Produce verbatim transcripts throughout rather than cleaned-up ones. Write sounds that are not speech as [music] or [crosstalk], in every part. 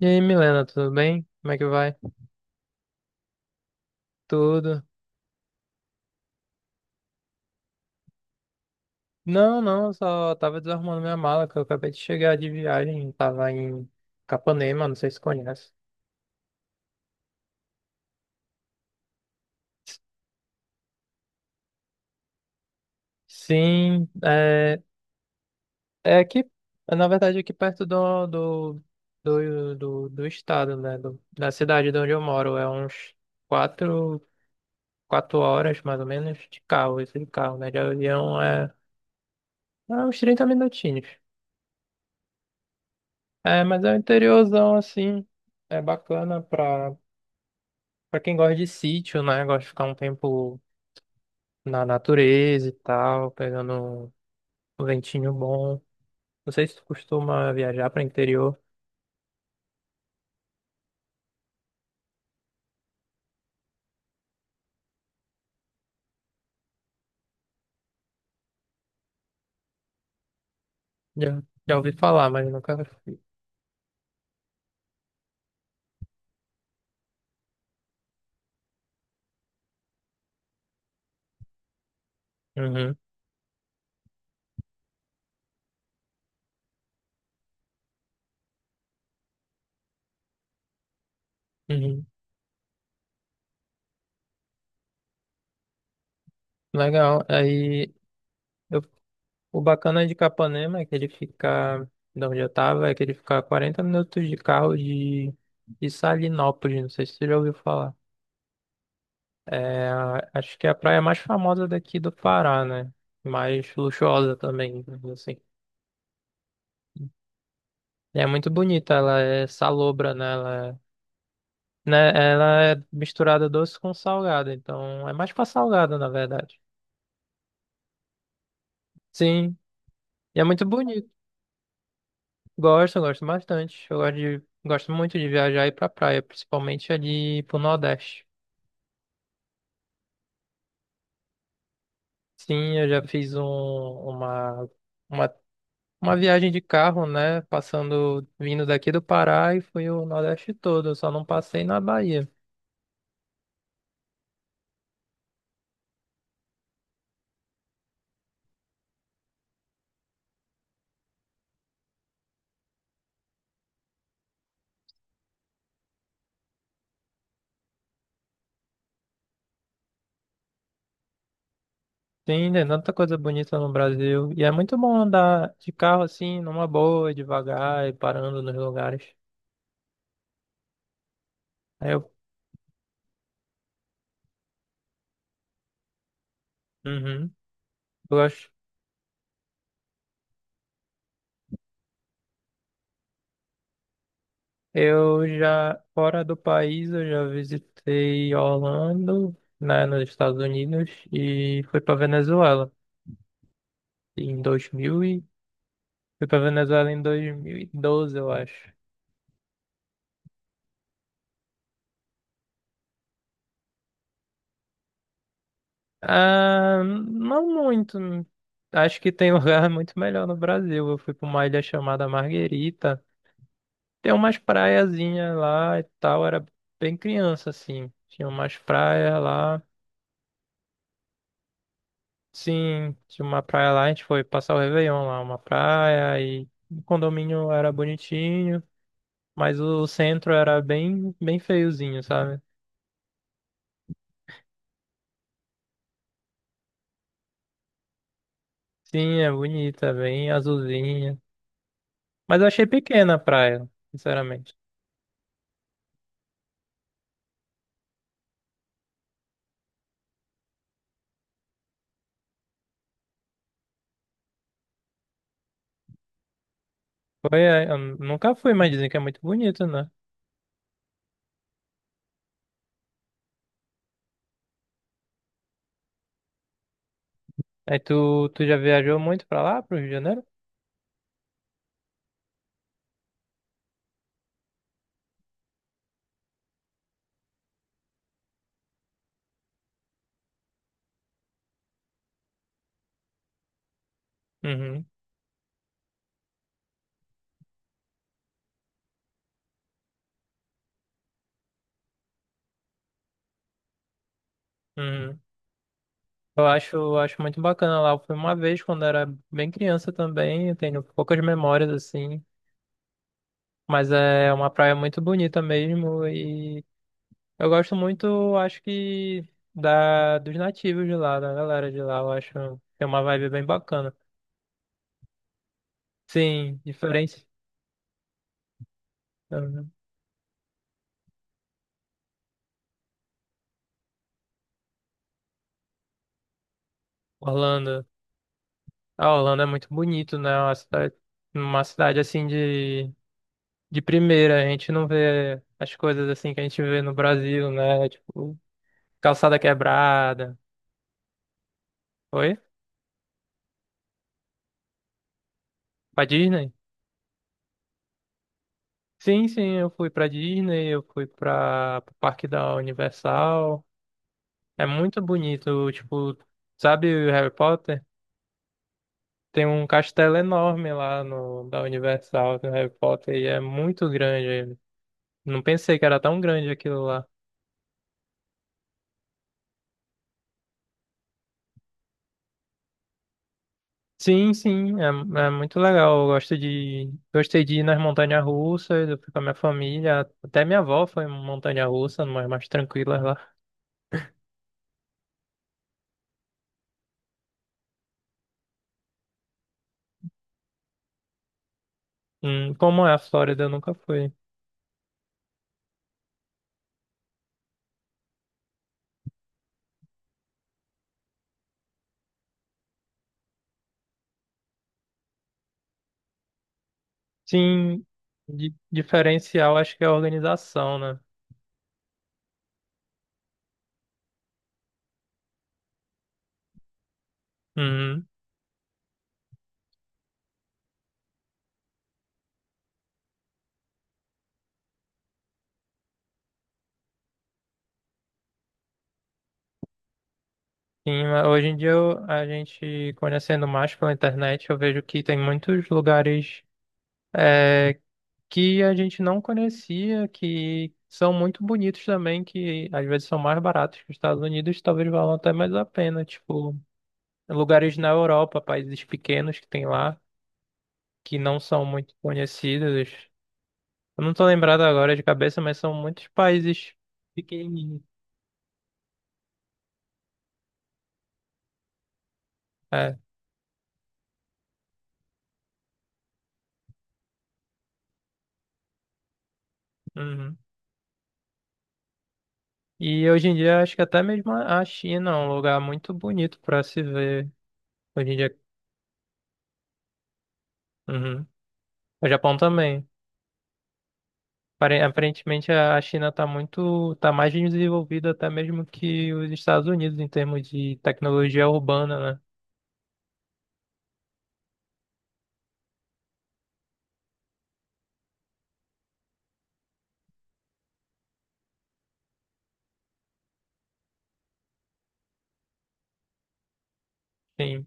E aí, Milena, tudo bem? Como é que vai? Tudo? Não, não, eu só tava desarrumando minha mala, que eu acabei de chegar de viagem, tava em Capanema, não sei se conhece. Sim, é, é aqui, é, na verdade aqui perto do, do, do, do, do estado, né, do- da cidade de onde eu moro, é uns quatro, quatro horas, mais ou menos, de carro, esse de carro, né, de avião é, é uns trinta minutinhos. É, mas é um interiorzão, assim, é bacana pra pra quem gosta de sítio, né? Gosta de ficar um tempo na natureza e tal, pegando um ventinho bom. Não sei se tu costuma viajar para interior. Já, já ouvi falar, mas nunca fui. Uhum, uhum. Legal. Aí, eu- o bacana de Capanema é que ele fica, de onde eu tava, é que ele fica a quarenta minutos de carro de, de Salinópolis. Não sei se tu já ouviu falar. É, acho que é a praia mais famosa daqui do Pará, né? Mais luxuosa também, assim. É muito bonita, ela é salobra, né? Ela é, né? Ela é misturada doce com salgado, então é mais pra salgado, na verdade. Sim, e é muito bonito. Gosto, gosto bastante. Eu gosto de, gosto muito de viajar e ir pra praia, principalmente ali pro Nordeste. Sim, eu já fiz um, uma, uma, uma viagem de carro, né? Passando, vindo daqui do Pará e fui o Nordeste todo. Eu só não passei na Bahia. Sim, tem tanta coisa bonita no Brasil. E é muito bom andar de carro assim, numa boa, devagar e parando nos lugares. Aí eu, uhum, eu acho. Eu já, fora do país, eu já visitei Orlando, né, nos Estados Unidos, e fui pra Venezuela em dois mil e... Fui pra Venezuela em dois mil e doze, eu acho. Ah, não muito. Acho que tem [laughs] um lugar muito melhor no Brasil. Eu fui pra uma ilha chamada Marguerita, tem umas praiazinhas lá e tal, era bem criança, assim. Tinha umas praias lá. Sim, tinha uma praia lá, a gente foi passar o Réveillon lá, uma praia, e o condomínio era bonitinho, mas o centro era bem, bem feiozinho, sabe? Sim, é bonita, bem azulzinha. Mas eu achei pequena a praia, sinceramente. Foi, é, eu nunca fui, mas dizem que é muito bonito, né? Aí tu, tu já viajou muito pra lá, pro Rio de Janeiro? Uhum, uhum. Eu acho, eu acho muito bacana lá. Eu fui uma vez quando era bem criança também. Eu tenho poucas memórias assim. Mas é uma praia muito bonita mesmo. E eu gosto muito, acho que, da, dos nativos de lá, da galera de lá. Eu acho que tem uma vibe bem bacana. Sim, diferente. Uhum. Orlando. Ah, Orlando é muito bonito, né? É uma cidade, uma cidade assim de, de primeira. A gente não vê as coisas assim que a gente vê no Brasil, né? Tipo, calçada quebrada. Oi? Pra Disney? Sim, sim, eu fui pra Disney, eu fui pra pro Parque da Universal. É muito bonito, tipo, sabe o Harry Potter? Tem um castelo enorme lá no da Universal do Harry Potter e é muito grande. Ele. Não pensei que era tão grande aquilo lá. Sim, sim, é, é muito legal. Eu gosto de, gostei de ir nas montanhas-russas, eu fui com a minha família. Até minha avó foi em montanha-russa, mas mais tranquilas lá. Hum, como é a Flórida, eu nunca fui. Sim, di- diferencial acho que é a organização, né? Uhum. Sim, mas hoje em dia eu- a gente conhecendo mais pela internet, eu vejo que tem muitos lugares é, que a gente não conhecia, que são muito bonitos também, que às vezes são mais baratos que os Estados Unidos, talvez valam até mais a pena. Tipo, lugares na Europa, países pequenos que tem lá, que não são muito conhecidos. Eu não tô lembrado agora de cabeça, mas são muitos países pequenininhos. É. Uhum. E hoje em dia acho que até mesmo a China é um lugar muito bonito para se ver. Hoje em dia, uhum. O Japão também. Pare- Aparentemente a China está muito, tá mais desenvolvida até mesmo que os Estados Unidos em termos de tecnologia urbana, né? Sim.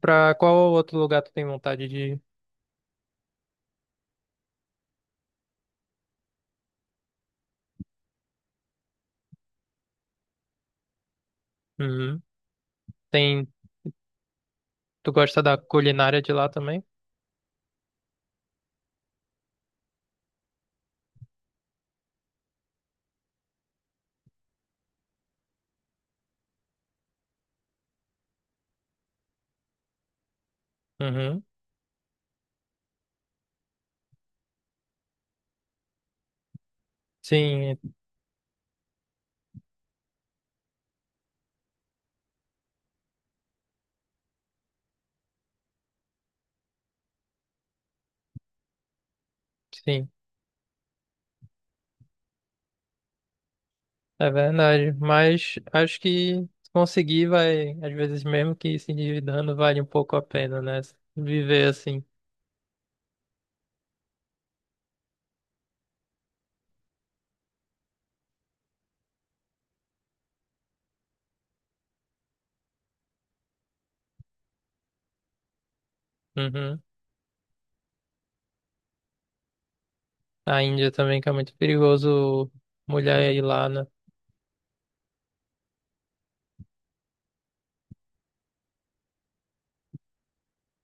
Para qual outro lugar tu tem vontade de ir? Uhum. Tem, tu gosta da culinária de lá também? Uhum. Sim, sim. É verdade, mas acho que conseguir vai, às vezes mesmo que se endividando, vale um pouco a pena, né? Viver assim. Uhum. A Índia também, que é muito perigoso mulher ir lá, né?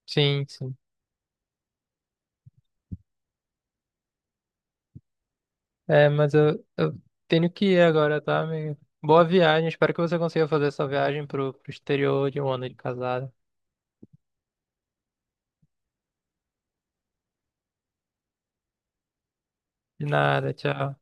Sim, sim. É, mas eu, eu tenho que ir agora, tá, amigo? Boa viagem, espero que você consiga fazer essa viagem pro, pro exterior de um ano de casada. De nada, tchau.